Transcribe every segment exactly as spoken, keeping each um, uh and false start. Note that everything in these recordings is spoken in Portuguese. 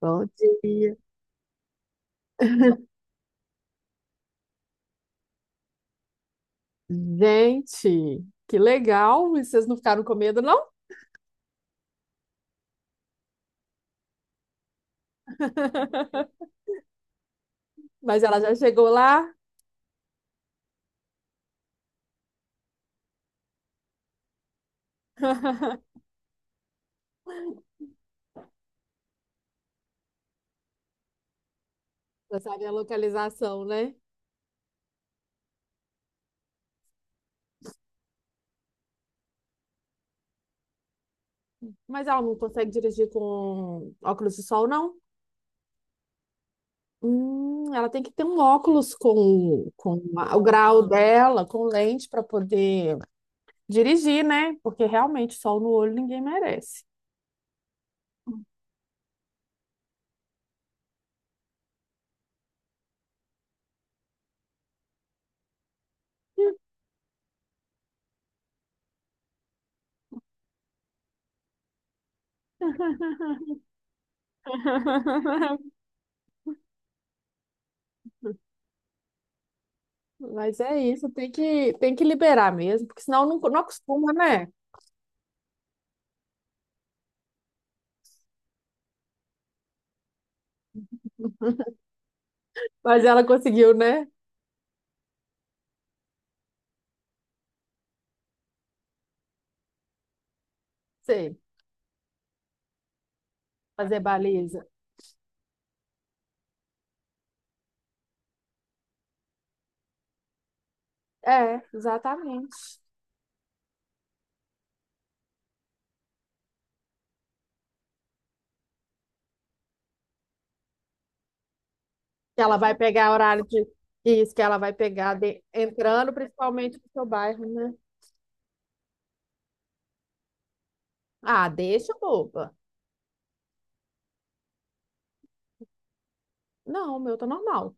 Bom dia. Gente, que legal! E vocês não ficaram com medo, não? Mas ela já chegou lá, já sabe a localização, né? Mas ela não consegue dirigir com óculos de sol, não? Hum, ela tem que ter um óculos com, com a- o grau dela, com lente, para poder dirigir, né? Porque realmente sol no olho ninguém merece. Mas é isso, tem que, tem que liberar mesmo, porque senão não, não acostuma, né? Mas ela conseguiu, né? Sei, fazer baliza. É, exatamente. Que ela vai pegar horário de. Isso, que ela vai pegar de- entrando principalmente no seu bairro, né? Ah, deixa, boba. Não, o meu tá normal.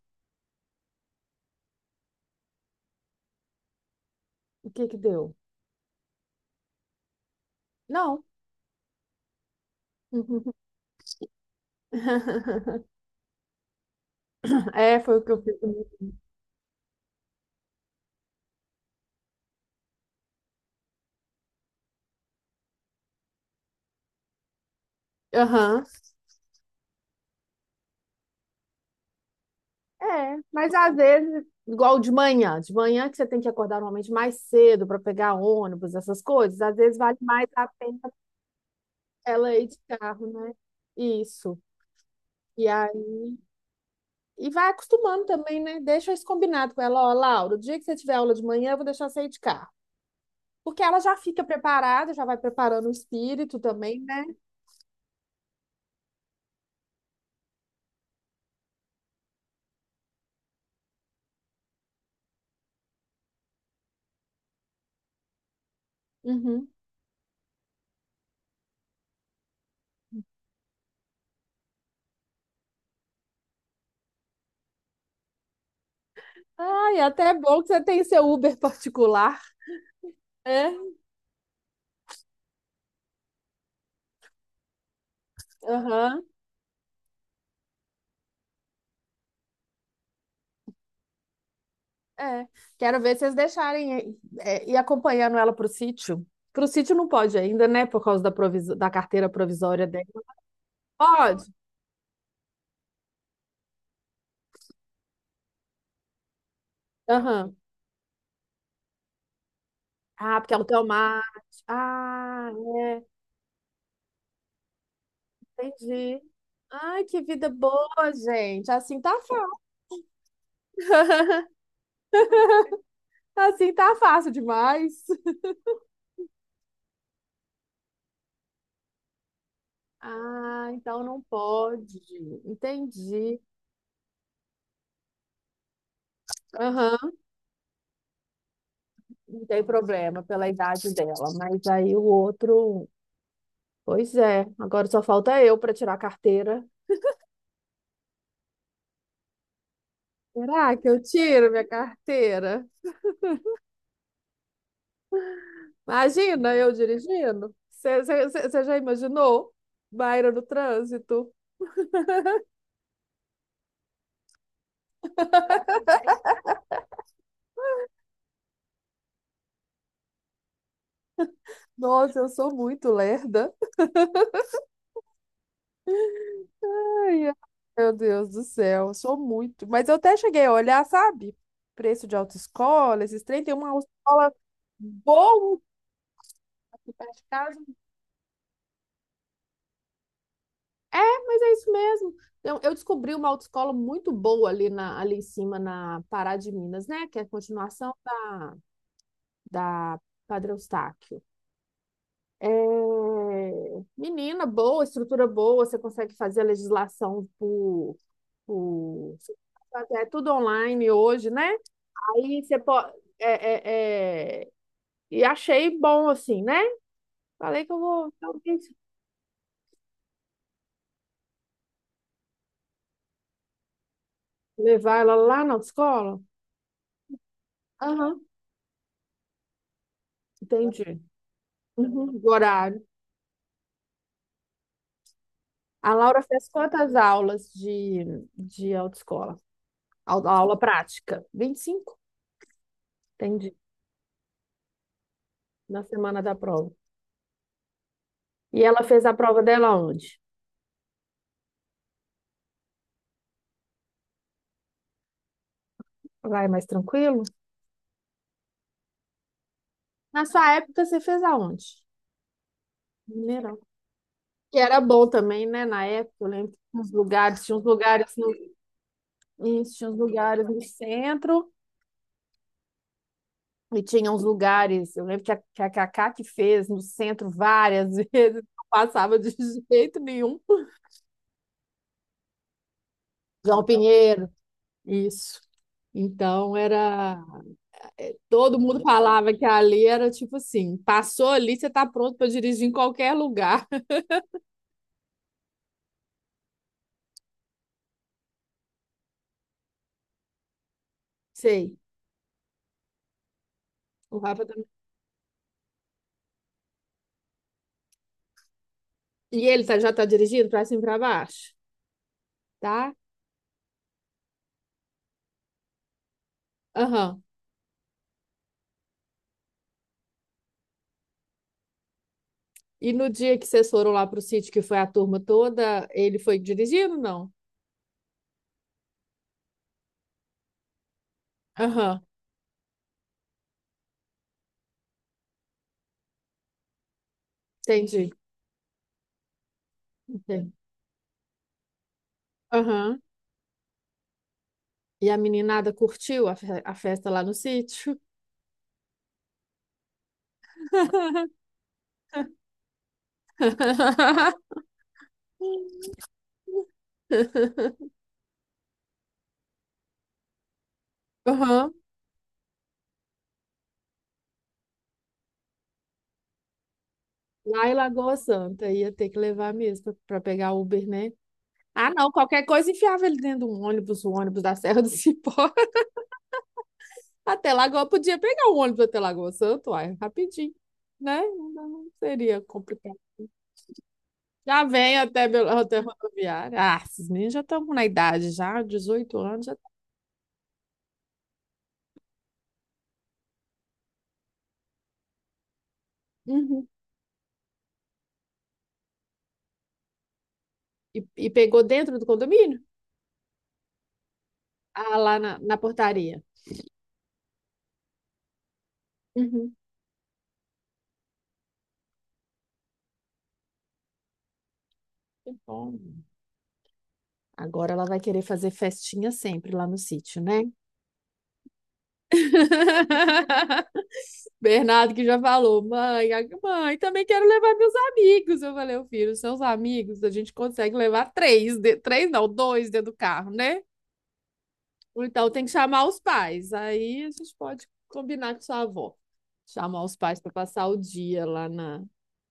O que que deu? Não. É, foi o que eu fiz. Aham. É, mas às vezes, igual de manhã, de manhã que você tem que acordar normalmente mais cedo para pegar ônibus, essas coisas, às vezes vale mais a pena ela ir de carro, né? Isso. E aí, e vai acostumando também, né? Deixa isso combinado com ela, ó, Laura, o dia que você tiver aula de manhã, eu vou deixar você ir de carro. Porque ela já fica preparada, já vai preparando o espírito também, né? Uhum. Ai, até é bom que você tem seu Uber particular. É? Aham. É. Quero ver vocês deixarem é, ir acompanhando ela pro sítio. Pro sítio não pode ainda, né? Por causa da, proviso- da carteira provisória dela. Pode? Aham. Ah, porque ela tem o mar. Ah, é. Entendi. Ai, que vida boa, gente. Assim tá fácil. Assim tá fácil demais. Ah, então não pode. Entendi. Aham, não tem problema pela idade dela. Mas aí o outro. Pois é, agora só falta eu para tirar a carteira. Será que eu tiro minha carteira? Imagina eu dirigindo. Você já imaginou? Baira no trânsito. Nossa, eu sou muito lerda. Ai, ai, Meu Deus do céu, eu sou muito. Mas eu até cheguei a olhar, sabe? Preço de autoescola, esses trem, tem uma autoescola boa aqui perto de casa. É, mas é isso mesmo. Eu, eu descobri uma autoescola muito boa ali, na, ali em cima, na Pará de Minas, né? Que é a continuação da, da Padre Eustáquio. É, menina boa, estrutura boa, você consegue fazer a legislação por, por... É tudo online hoje, né? Aí você pode. É, é, é... E achei bom, assim, né? Falei que eu vou talvez levar ela lá na escola. Aham, entendi. Uhum, o horário. A Laura fez quantas aulas de, de autoescola? Au- Aula prática? Vinte e cinco, entendi. Na semana da prova. E ela fez a prova dela onde? Lá é mais tranquilo? Na sua época, você fez aonde? Mineirão. Que era bom também, né? Na época, eu lembro que tinha uns lugares, tinha uns lugares. Isso, tinha uns lugares no centro e tinha uns lugares. Eu lembro que a, que a Cacá que fez no centro várias vezes, não passava de jeito nenhum. João Pinheiro, isso. Então era. Todo mundo falava que ali era tipo assim: passou ali, você tá pronto para dirigir em qualquer lugar. Sei. O Rafa também. E ele tá- já tá dirigindo para cima e para baixo, tá? Aham. E no dia que vocês foram lá pro sítio, que foi a turma toda, ele foi dirigindo, não? Aham, entendi. É. Aham. E a meninada curtiu a, fe- a festa lá no sítio? Aham. Lá em Lagoa Santa, ia ter que levar mesmo para pegar Uber, né? Ah, não, qualquer coisa enfiava ele dentro de um ônibus, o ônibus da Serra do Cipó. Até Lagoa, podia pegar o ônibus até Lagoa Santa, uai, rapidinho, né? Não, não seria complicado. Já vem até, Belo- até rodoviária. Ah, esses meninos já estão na idade, já, dezoito anos, já. Uhum. E, e pegou dentro do condomínio? Ah, lá na, na portaria. Uhum. Que bom. Agora ela vai querer fazer festinha sempre lá no sítio, né? Bernardo que já falou, mãe, a- mãe, também quero levar meus amigos. Eu falei, ô filho, seus amigos, a gente consegue levar três, de- três não, dois dentro do carro, né? Ou então tem que chamar os pais. Aí a gente pode combinar com sua avó, chamar os pais para passar o dia lá na,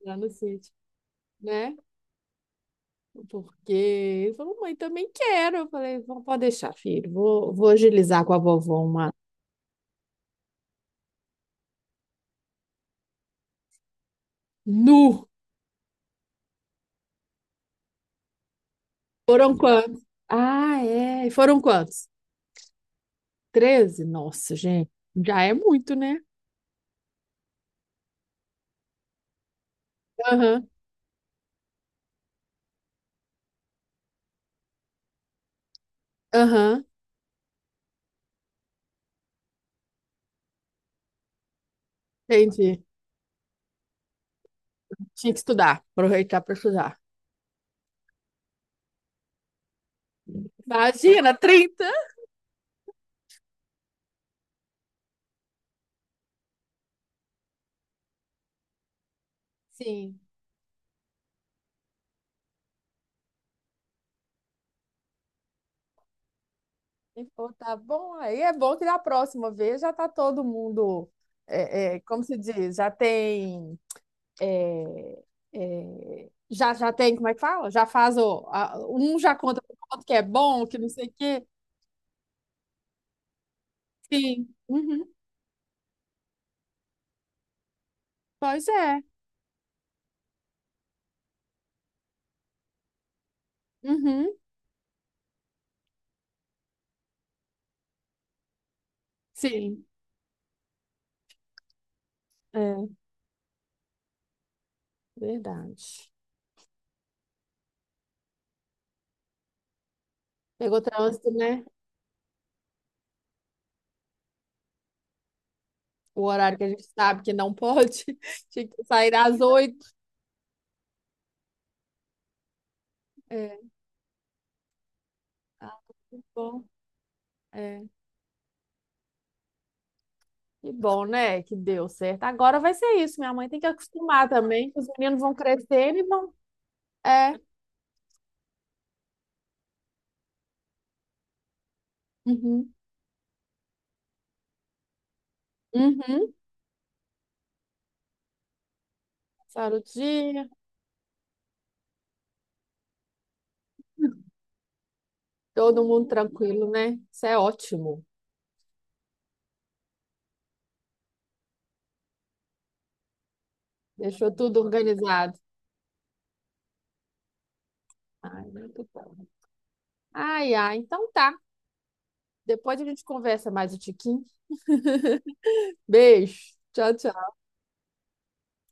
lá no sítio, né? Porque ele falou, mãe, também quero. Eu falei, "Vó, pode deixar, filho. Vou, vou agilizar com a vovó uma. Nu! Foram quantos? Ah, é. E foram quantos? Treze? Nossa, gente. Já é muito, né? Aham, aham. Entendi. Tinha que estudar. Aproveitar para estudar. Imagina, trinta. Sim. Então tá bom. Aí é bom que da próxima vez já tá todo mundo, é, é, como se diz, já tem. É, é, já, já tem, como é que fala? Já faz o. A- um já conta pro outro que é bom, que não sei o quê. Sim. Uhum. Pois é. Uhum. Sim. É, verdade. Pegou trânsito, né? O horário que a gente sabe que não pode. Tinha que sair às oito. É. Ah, que bom. É. Que bom, né? Que deu certo. Agora vai ser isso. Minha mãe tem que acostumar também, que os meninos vão crescendo e vão. É. Uhum. Uhum. Passar o dia. Todo mundo tranquilo, né? Isso é ótimo. Deixou tudo organizado. Ai, muito bom. Ai, ai. Então tá. Depois a gente conversa mais um tiquinho. Beijo. Tchau, tchau.